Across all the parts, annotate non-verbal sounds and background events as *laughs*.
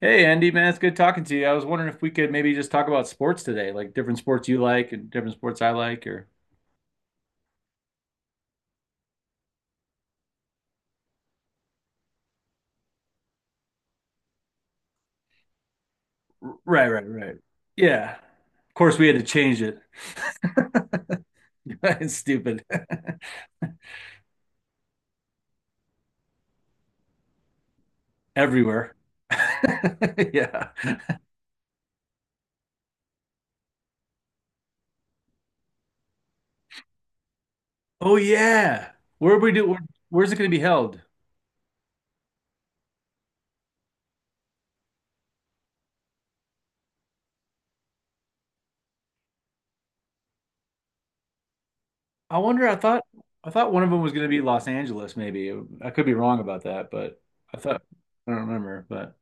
Hey Andy, man, it's good talking to you. I was wondering if we could maybe just talk about sports today, like different sports you like and different sports I like, or right, right, right, yeah. Of course, we had to change it. *laughs* It's stupid. *laughs* Everywhere. *laughs* Yeah. Oh yeah. Where we do? Where, where's it going to be held? I wonder. I thought one of them was going to be Los Angeles. Maybe I could be wrong about that, but I thought I don't remember. But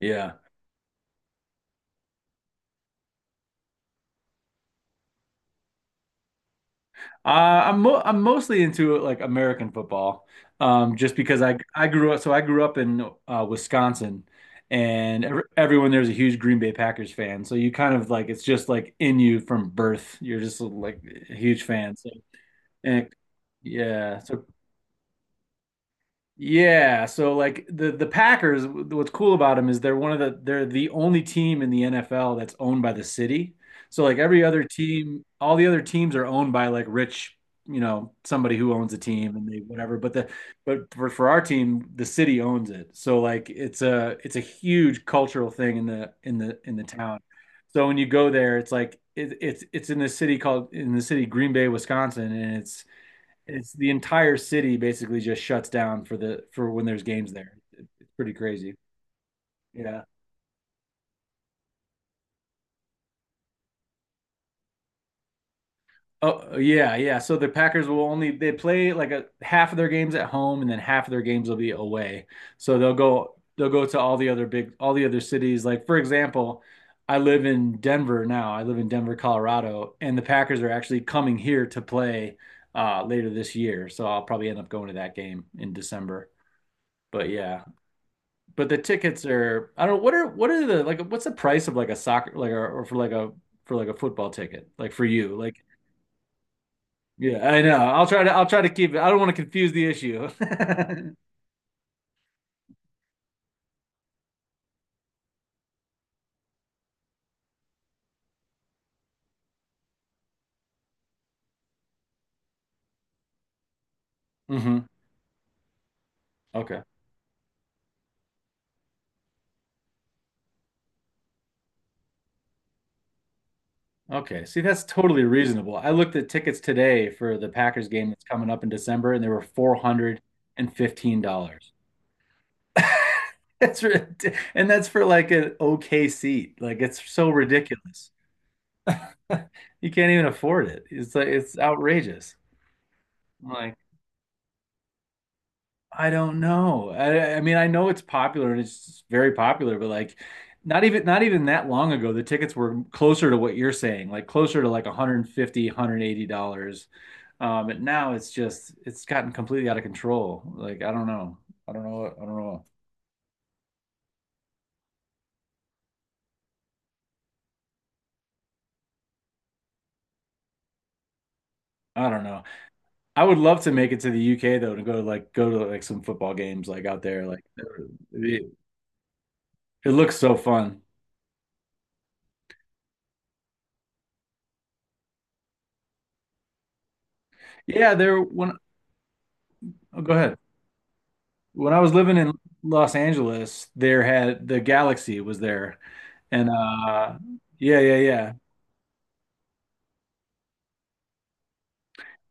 yeah. Uh, I'm mo I'm mostly into like American football, just because I grew up. So I grew up in Wisconsin, and ev everyone there's a huge Green Bay Packers fan. So you kind of like it's just like in you from birth. You're just like a huge fan. So and yeah, so yeah, so like the Packers, what's cool about them is they're one of the they're the only team in the NFL that's owned by the city. So like every other team, all the other teams are owned by like rich, you know, somebody who owns a team and they whatever. But the but for our team, the city owns it. So like it's a huge cultural thing in the in the in the town. So when you go there, it's like it, it's in the city called in the city Green Bay, Wisconsin, and it's the entire city basically just shuts down for the for when there's games there. It's pretty crazy. Yeah. Oh yeah, yeah. So the Packers will only they play like a half of their games at home and then half of their games will be away. So they'll go to all the other big all the other cities. Like for example, I live in Denver now. I live in Denver, Colorado, and the Packers are actually coming here to play later this year. So I'll probably end up going to that game in December. But yeah, but the tickets are I don't know what are the like what's the price of like a soccer like or for like a football ticket like for you like yeah I know I'll try to keep it I don't want to confuse the issue. *laughs* hmm. Okay. Okay. See, that's totally reasonable. I looked at tickets today for the Packers game that's coming up in December, and they were $415. *laughs* That's rid- and that's for like an okay seat. Like it's so ridiculous. *laughs* You can't even afford it. It's like it's outrageous. Like, I don't know. I mean, I know it's popular and it's very popular, but like not even not even that long ago, the tickets were closer to what you're saying, like closer to like 150, $180. And now it's just it's gotten completely out of control. Like I don't know. I don't know I don't know. I don't know. I would love to make it to the UK though to go to like some football games like out there. Like it, it looks so fun. Yeah, there when oh, go ahead. When I was living in Los Angeles, there had the Galaxy was there. And yeah, yeah, yeah.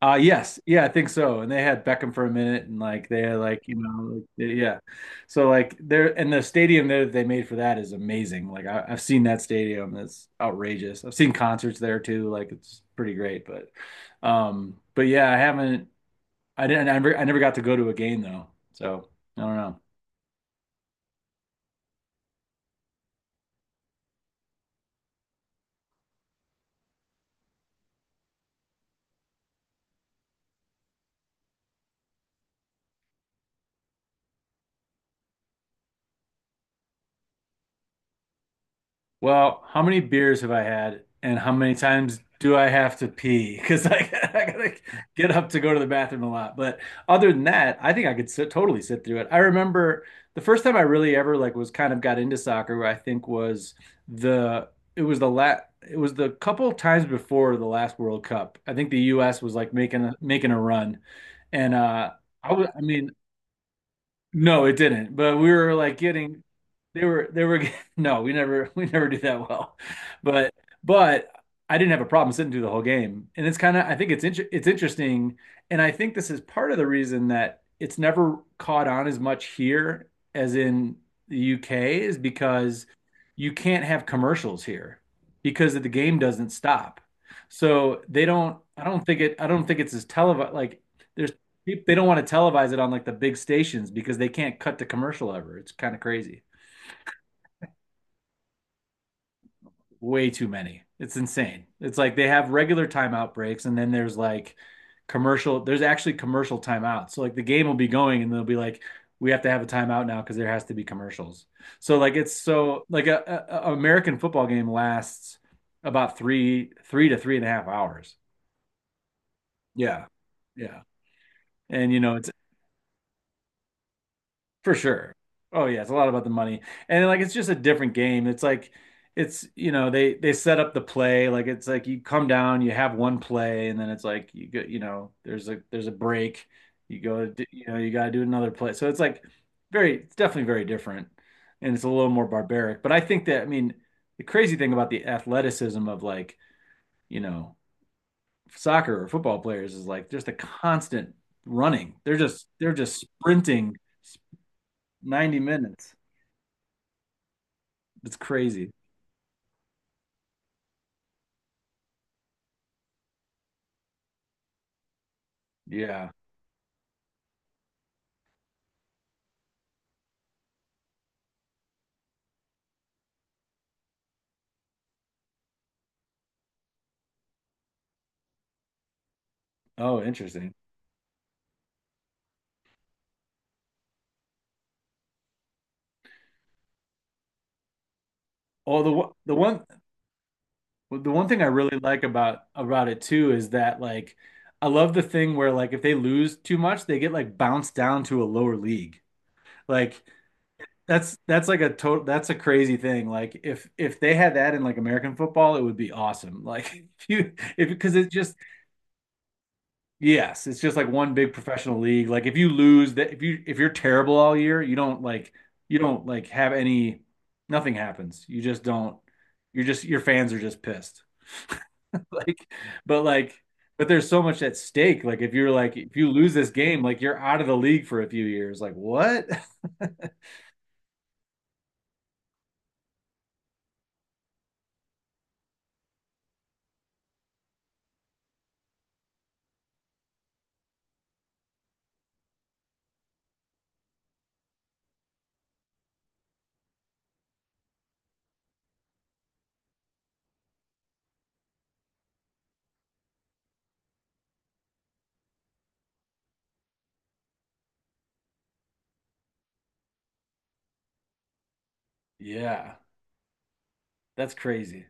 Yes, yeah, I think so. And they had Beckham for a minute and like they had like, you know, like they- yeah. So like there and the stadium there that they made for that is amazing. I've seen that stadium. It's outrageous. I've seen concerts there too. Like it's pretty great, but yeah, I haven't I didn't I never got to go to a game though. So I don't know. Well, how many beers have I had, and how many times do I have to pee? *laughs* I gotta get up to go to the bathroom a lot. But other than that, I think I could sit, totally sit through it. I remember the first time I really ever like was kind of got into soccer, I think was the it was the la it was the couple times before the last World Cup. I think the U.S. was like making a, making a run, and I was I mean no, it didn't. But we were like getting they were get- *laughs* no, we never *laughs* we never do that well. But but I didn't have a problem sitting through the whole game. And it's kind of I think it's interesting and I think this is part of the reason that it's never caught on as much here as in the UK is because you can't have commercials here because the game doesn't stop. So they don't I don't think it's as televised like there's. They don't want to televise it on like the big stations because they can't cut the commercial ever. It's kind of crazy. Way too many. It's insane. It's like they have regular timeout breaks and then there's like commercial, there's actually commercial timeouts. So like the game will be going and they'll be like, we have to have a timeout now because there has to be commercials. So like it's so like a American football game lasts about three, three to three and a half hours. Yeah. Yeah. And you know, it's for sure. Oh yeah, it's a lot about the money. And like it's just a different game. It's like it's you know, they set up the play like it's like you come down, you have one play and then it's like you go, you know, there's a break. You go to, you know, you got to do another play. So it's like very it's definitely very different and it's a little more barbaric. But I think that I mean, the crazy thing about the athleticism of like, you know, soccer or football players is like just a constant running. They're just sprinting 90 minutes. It's crazy. Yeah. Oh, interesting. Oh, the one well, the one thing I really like about it too is that like I love the thing where like if they lose too much, they get like bounced down to a lower league. Like that's like a total that's a crazy thing. Like if they had that in like American football, it would be awesome. Like *laughs* if you if because it just yes, it's just like one big professional league. Like if you lose that if you if you're terrible all year, you don't like have any nothing happens. You just don't you're just your fans are just pissed. *laughs* Like like but there's so much at stake. Like if you're like if you lose this game, like you're out of the league for a few years. Like what? *laughs* Yeah. That's crazy.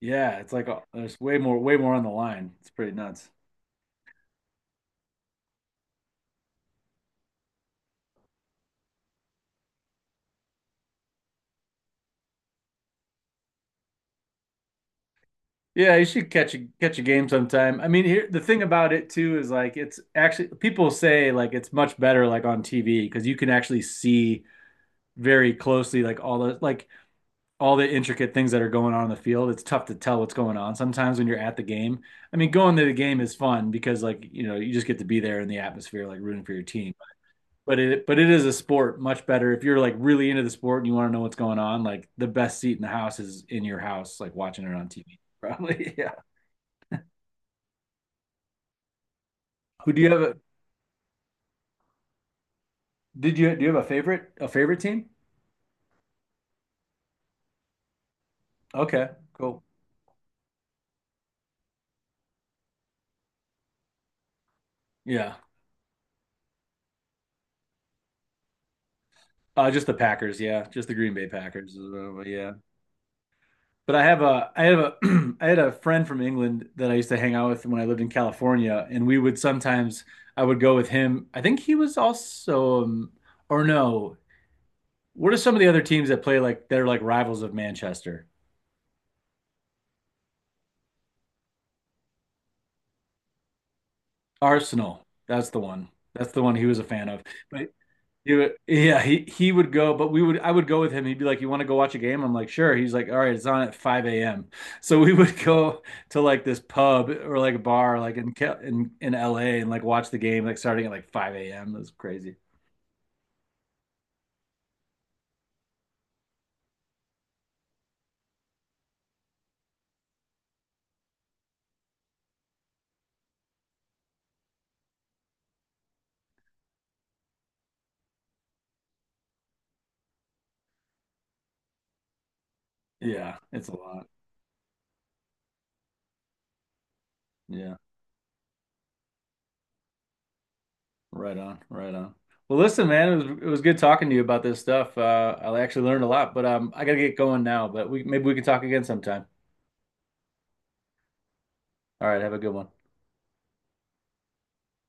Yeah, it's like there's way more way more on the line. It's pretty nuts. Yeah, you should catch a catch a game sometime. I mean, here the thing about it too is like it's actually people say like it's much better like on TV because you can actually see very closely like all the intricate things that are going on in the field. It's tough to tell what's going on sometimes when you're at the game. I mean, going to the game is fun because like, you know, you just get to be there in the atmosphere like rooting for your team. But it is a sport much better if you're like really into the sport and you want to know what's going on, like the best seat in the house is in your house like watching it on TV. Probably, *laughs* yeah. Who do you have? Did you do you have a favorite team? Okay, cool. Yeah. Just the Packers, yeah. Just the Green Bay Packers. Yeah. But I have a *clears throat* I had a friend from England that I used to hang out with when I lived in California and we would sometimes I would go with him. I think he was also or no. What are some of the other teams that play like they're like rivals of Manchester? Arsenal. That's the one. That's the one he was a fan of. But he would, yeah, he would go, but we would I would go with him. He'd be like, "You want to go watch a game?" I'm like, "Sure." He's like, "All right, it's on at 5 a.m." So we would go to like this pub or like a bar, like in Ca- in LA, and like watch the game, like starting at like 5 a.m. That's crazy. Yeah, it's a lot. Yeah, right on, right on. Well, listen, man, it was good talking to you about this stuff. I actually learned a lot, but I gotta get going now. But we maybe we can talk again sometime. All right, have a good one.